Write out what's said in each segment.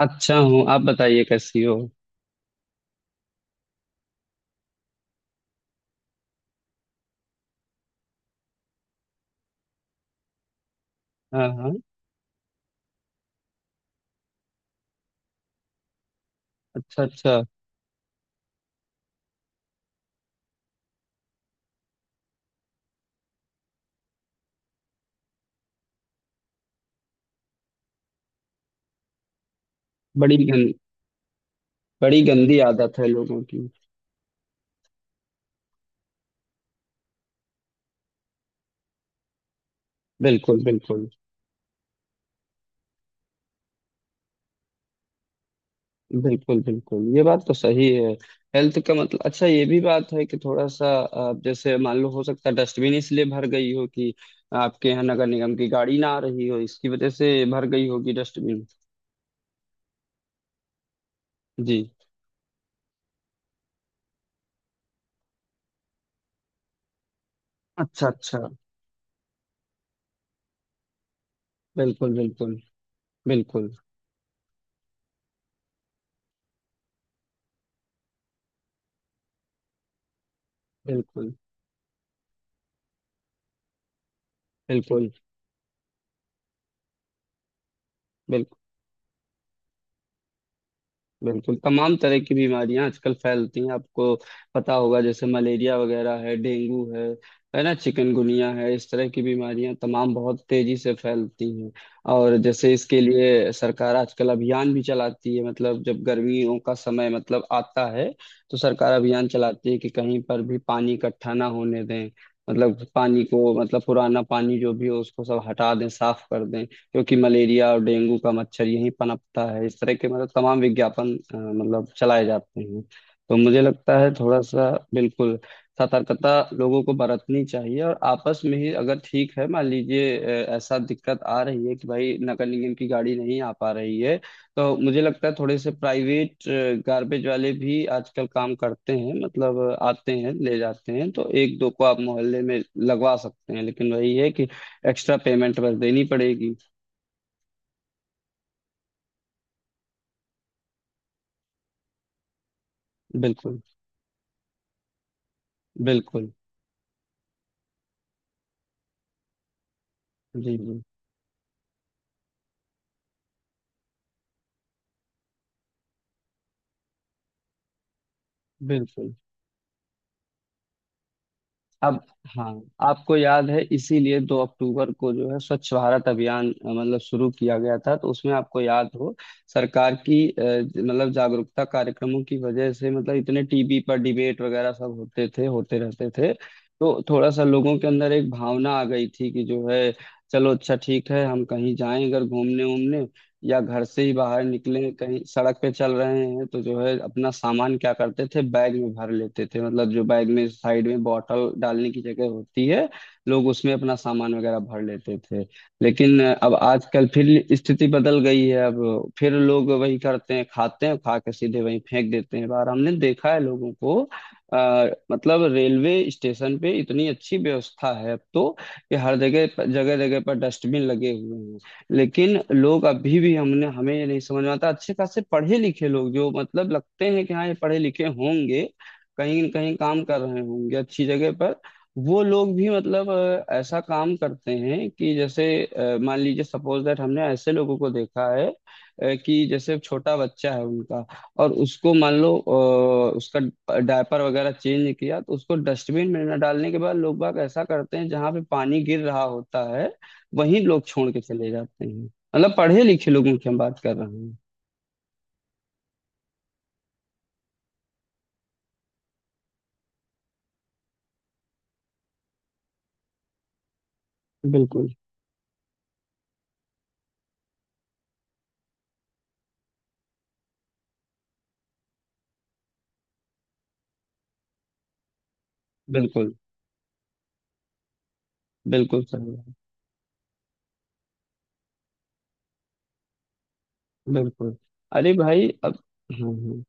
अच्छा हूँ। आप बताइए कैसी हो। हाँ हाँ। अच्छा अच्छा। बड़ी गं, बड़ी गंदी आदत है लोगों की। बिल्कुल बिल्कुल। बिल्कुल बिल्कुल, ये बात तो सही है। हेल्थ का मतलब अच्छा ये भी बात है कि थोड़ा सा आप जैसे मान लो हो सकता है डस्टबिन इसलिए भर गई हो कि आपके यहाँ नगर निगम की गाड़ी ना आ रही हो, इसकी वजह से भर गई होगी डस्टबिन। जी। अच्छा अच्छा। बिल्कुल बिल्कुल बिल्कुल। बिल्कुल बिल्कुल। बिल्कुल। बिल्कुल तमाम तरह की बीमारियां आजकल फैलती हैं, आपको पता होगा जैसे मलेरिया वगैरह है, डेंगू है ना, चिकनगुनिया है। इस तरह की बीमारियां तमाम बहुत तेजी से फैलती हैं। और जैसे इसके लिए सरकार आजकल अभियान भी चलाती है, मतलब जब गर्मियों का समय मतलब आता है तो सरकार अभियान चलाती है कि कहीं पर भी पानी इकट्ठा ना होने दें। मतलब पानी को मतलब पुराना पानी जो भी हो उसको सब हटा दें, साफ कर दें, क्योंकि मलेरिया और डेंगू का मच्छर यहीं पनपता है। इस तरह के मतलब तमाम विज्ञापन मतलब चलाए जाते हैं। तो मुझे लगता है थोड़ा सा बिल्कुल सतर्कता लोगों को बरतनी चाहिए, और आपस में ही अगर ठीक है मान लीजिए ऐसा दिक्कत आ रही है कि भाई नगर निगम की गाड़ी नहीं आ पा रही है, तो मुझे लगता है थोड़े से प्राइवेट गार्बेज वाले भी आजकल काम करते हैं, मतलब आते हैं ले जाते हैं, तो एक दो को आप मोहल्ले में लगवा सकते हैं, लेकिन वही है कि एक्स्ट्रा पेमेंट बस देनी पड़ेगी। बिल्कुल बिल्कुल। जी जी। बिल्कुल। अब हाँ। आपको याद है, इसीलिए 2 अक्टूबर को जो है स्वच्छ भारत अभियान मतलब शुरू किया गया था, तो उसमें आपको याद हो सरकार की मतलब जागरूकता कार्यक्रमों की वजह से, मतलब इतने टीवी पर डिबेट वगैरह सब होते थे, होते रहते थे। तो थोड़ा सा लोगों के अंदर एक भावना आ गई थी कि जो है चलो अच्छा ठीक है, हम कहीं जाएं अगर घूमने उमने या घर से ही बाहर निकले कहीं सड़क पे चल रहे हैं, तो जो है अपना सामान क्या करते थे बैग में भर लेते थे, मतलब जो बैग में साइड में बॉटल डालने की जगह होती है लोग उसमें अपना सामान वगैरह भर लेते थे। लेकिन अब आजकल फिर स्थिति बदल गई है, अब फिर लोग वही करते हैं, खाते हैं, खा के सीधे वहीं फेंक देते हैं बाहर, हमने देखा है लोगों को। आ, मतलब रेलवे स्टेशन पे इतनी अच्छी व्यवस्था है अब तो, कि हर जगह जगह जगह पर डस्टबिन लगे हुए हैं। लेकिन लोग अभी भी हमने हमें ये नहीं समझ में आता, अच्छे खासे पढ़े लिखे लोग जो मतलब लगते हैं कि हाँ ये पढ़े लिखे होंगे कहीं न कहीं काम कर रहे होंगे अच्छी जगह पर, वो लोग भी मतलब ऐसा काम करते हैं कि जैसे मान लीजिए सपोज दैट, हमने ऐसे लोगों को देखा है कि जैसे छोटा बच्चा है उनका और उसको मान लो उसका डायपर वगैरह चेंज किया, तो उसको डस्टबिन में न डालने के बाद लोग बाग ऐसा करते हैं जहाँ पे पानी गिर रहा होता है वहीं लोग छोड़ के चले जाते हैं। मतलब पढ़े लिखे लोगों की हम बात कर रहे हैं। बिल्कुल। बिल्कुल। बिल्कुल सही बात। बिल्कुल। अरे भाई अब। हाँ हाँ।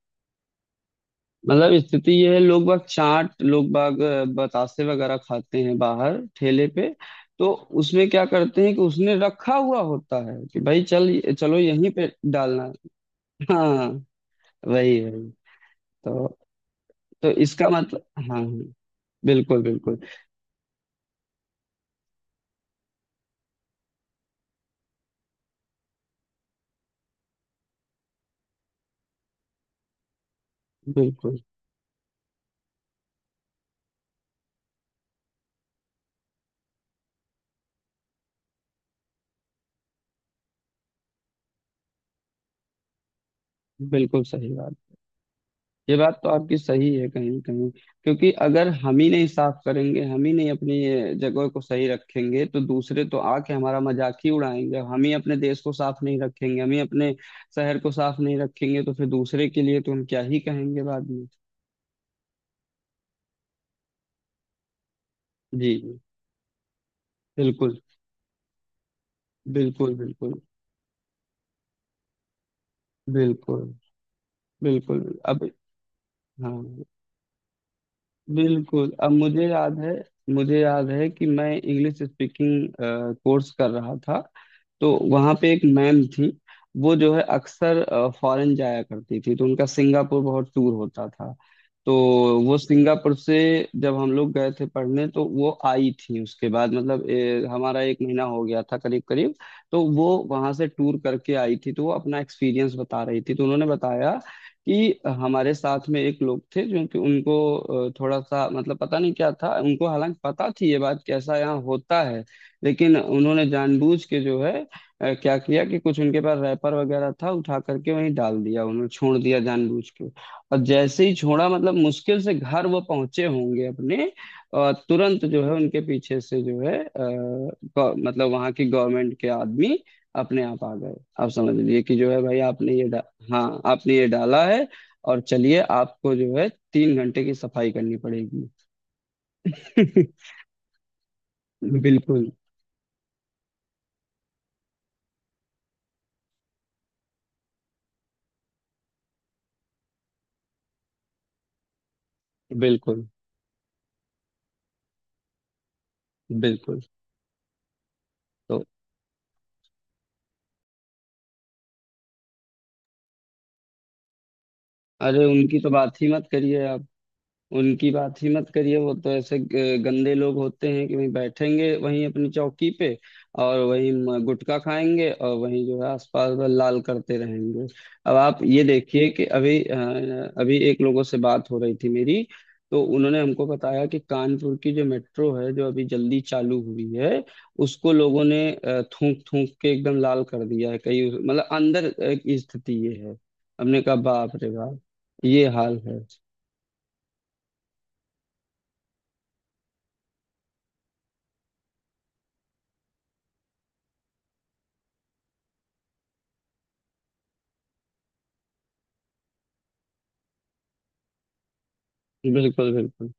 मतलब स्थिति यह है, लोग बाग चाट, लोग बाग बतासे वगैरह खाते हैं बाहर ठेले पे, तो उसमें क्या करते हैं कि उसने रखा हुआ होता है कि भाई चल चलो यहीं पे डालना। हाँ। वही वही। तो तो इसका मतलब हाँ हाँ। बिल्कुल बिल्कुल। बिल्कुल। बिल्कुल सही बात। ये बात तो आपकी सही है कहीं ना कहीं, क्योंकि अगर हम ही नहीं साफ करेंगे, हम ही नहीं अपनी ये जगह को सही रखेंगे, तो दूसरे तो आके हमारा मजाक ही उड़ाएंगे। हम ही अपने देश को साफ नहीं रखेंगे, हम ही अपने शहर को साफ नहीं रखेंगे, तो फिर दूसरे के लिए तो हम क्या ही कहेंगे बाद में। जी जी। बिल्कुल। बिल्कुल बिल्कुल। बिल्कुल। बिल्कुल अब हाँ। बिल्कुल अब मुझे याद है, मुझे याद है कि मैं इंग्लिश स्पीकिंग कोर्स कर रहा था, तो वहाँ पे एक मैम थी। वो जो है अक्सर फॉरेन जाया करती थी, तो उनका सिंगापुर बहुत टूर होता था। तो वो सिंगापुर से जब हम लोग गए थे पढ़ने तो वो आई थी उसके बाद, मतलब हमारा एक महीना हो गया था करीब करीब। तो वो वहाँ से टूर करके आई थी तो वो अपना एक्सपीरियंस बता रही थी, तो उन्होंने बताया कि हमारे साथ में एक लोग थे जो कि उनको थोड़ा सा मतलब पता नहीं क्या था उनको, हालांकि पता थी ये बात कि ऐसा यहाँ होता है, लेकिन उन्होंने जानबूझ के जो है क्या किया कि कुछ उनके पास रैपर वगैरह था उठा करके वहीं डाल दिया, उन्होंने छोड़ दिया जानबूझ के। और जैसे ही छोड़ा, मतलब मुश्किल से घर वो पहुंचे होंगे अपने, तुरंत जो है उनके पीछे से जो है मतलब वहां की गवर्नमेंट के आदमी अपने आप आ गए। आप समझ लीजिए कि जो है भाई, आपने ये हाँ आपने ये डाला है, और चलिए आपको जो है 3 घंटे की सफाई करनी पड़ेगी। बिल्कुल। बिल्कुल बिल्कुल। तो अरे उनकी तो बात ही मत करिए आप। उनकी बात ही मत करिए, वो तो ऐसे गंदे लोग होते हैं कि वहीं बैठेंगे वहीं अपनी चौकी पे और वहीं गुटखा खाएंगे और वहीं जो है आसपास बस लाल करते रहेंगे। अब आप ये देखिए कि अभी अभी एक लोगों से बात हो रही थी मेरी, तो उन्होंने हमको बताया कि कानपुर की जो मेट्रो है जो अभी जल्दी चालू हुई है उसको लोगों ने थूक थूक के एकदम लाल कर दिया है। कई मतलब अंदर की स्थिति ये है। हमने कहा बाप रे बाप, ये हाल है। बिल्कुल बिल्कुल।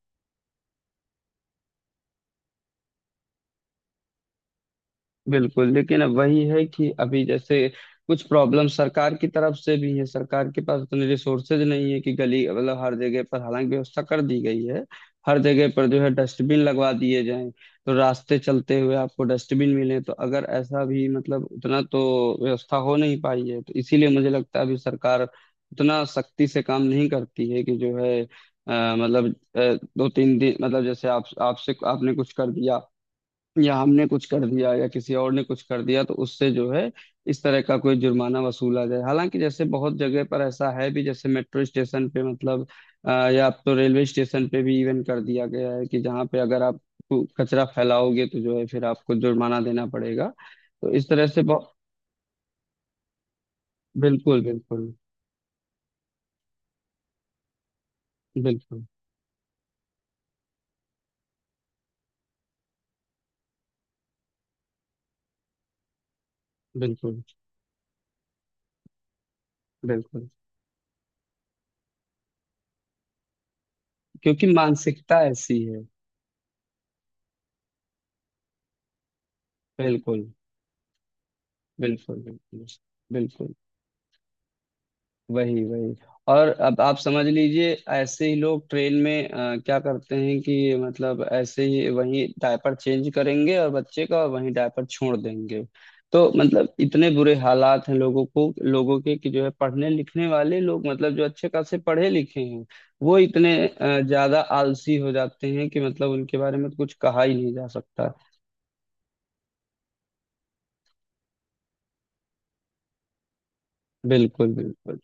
बिल्कुल लेकिन अब वही है कि अभी जैसे कुछ प्रॉब्लम सरकार की तरफ से भी है, सरकार के पास उतने रिसोर्सेज नहीं है कि गली मतलब हर जगह पर, हालांकि व्यवस्था कर दी गई है हर जगह पर जो है डस्टबिन लगवा दिए जाएं, तो रास्ते चलते हुए आपको डस्टबिन मिले तो अगर ऐसा भी मतलब उतना तो व्यवस्था हो नहीं पाई है, तो इसीलिए मुझे लगता है अभी सरकार उतना सख्ती से काम नहीं करती है कि जो है मतलब 2-3 दिन मतलब जैसे आप आपसे आपने कुछ कर दिया या हमने कुछ कर दिया या किसी और ने कुछ कर दिया तो उससे जो है इस तरह का कोई जुर्माना वसूला जाए, हालांकि जैसे बहुत जगह पर ऐसा है भी, जैसे मेट्रो स्टेशन पे मतलब या अब तो रेलवे स्टेशन पे भी इवन कर दिया गया है कि जहाँ पे अगर आप कचरा फैलाओगे तो जो है फिर आपको जुर्माना देना पड़ेगा, तो इस तरह से बहुत। बिल्कुल बिल्कुल। बिल्कुल बिल्कुल बिल्कुल। क्योंकि मानसिकता ऐसी है। बिल्कुल। बिल्कुल बिल्कुल। बिल्कुल वही वही। और अब आप समझ लीजिए ऐसे ही लोग ट्रेन में क्या करते हैं कि मतलब ऐसे ही वही डायपर चेंज करेंगे और बच्चे का, और वही डायपर छोड़ देंगे। तो मतलब इतने बुरे हालात हैं लोगों को लोगों के कि जो है पढ़ने लिखने वाले लोग मतलब जो अच्छे खासे पढ़े लिखे हैं वो इतने ज्यादा आलसी हो जाते हैं कि मतलब उनके बारे में कुछ कहा ही नहीं जा सकता। बिल्कुल बिल्कुल।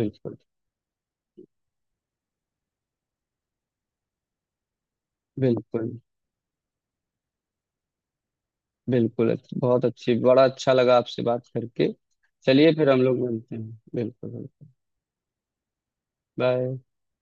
बिल्कुल बिल्कुल। बिल्कुल बहुत अच्छी, बड़ा अच्छा लगा आपसे बात करके। चलिए फिर हम लोग मिलते हैं, बिल्कुल बिल्कुल। बाय।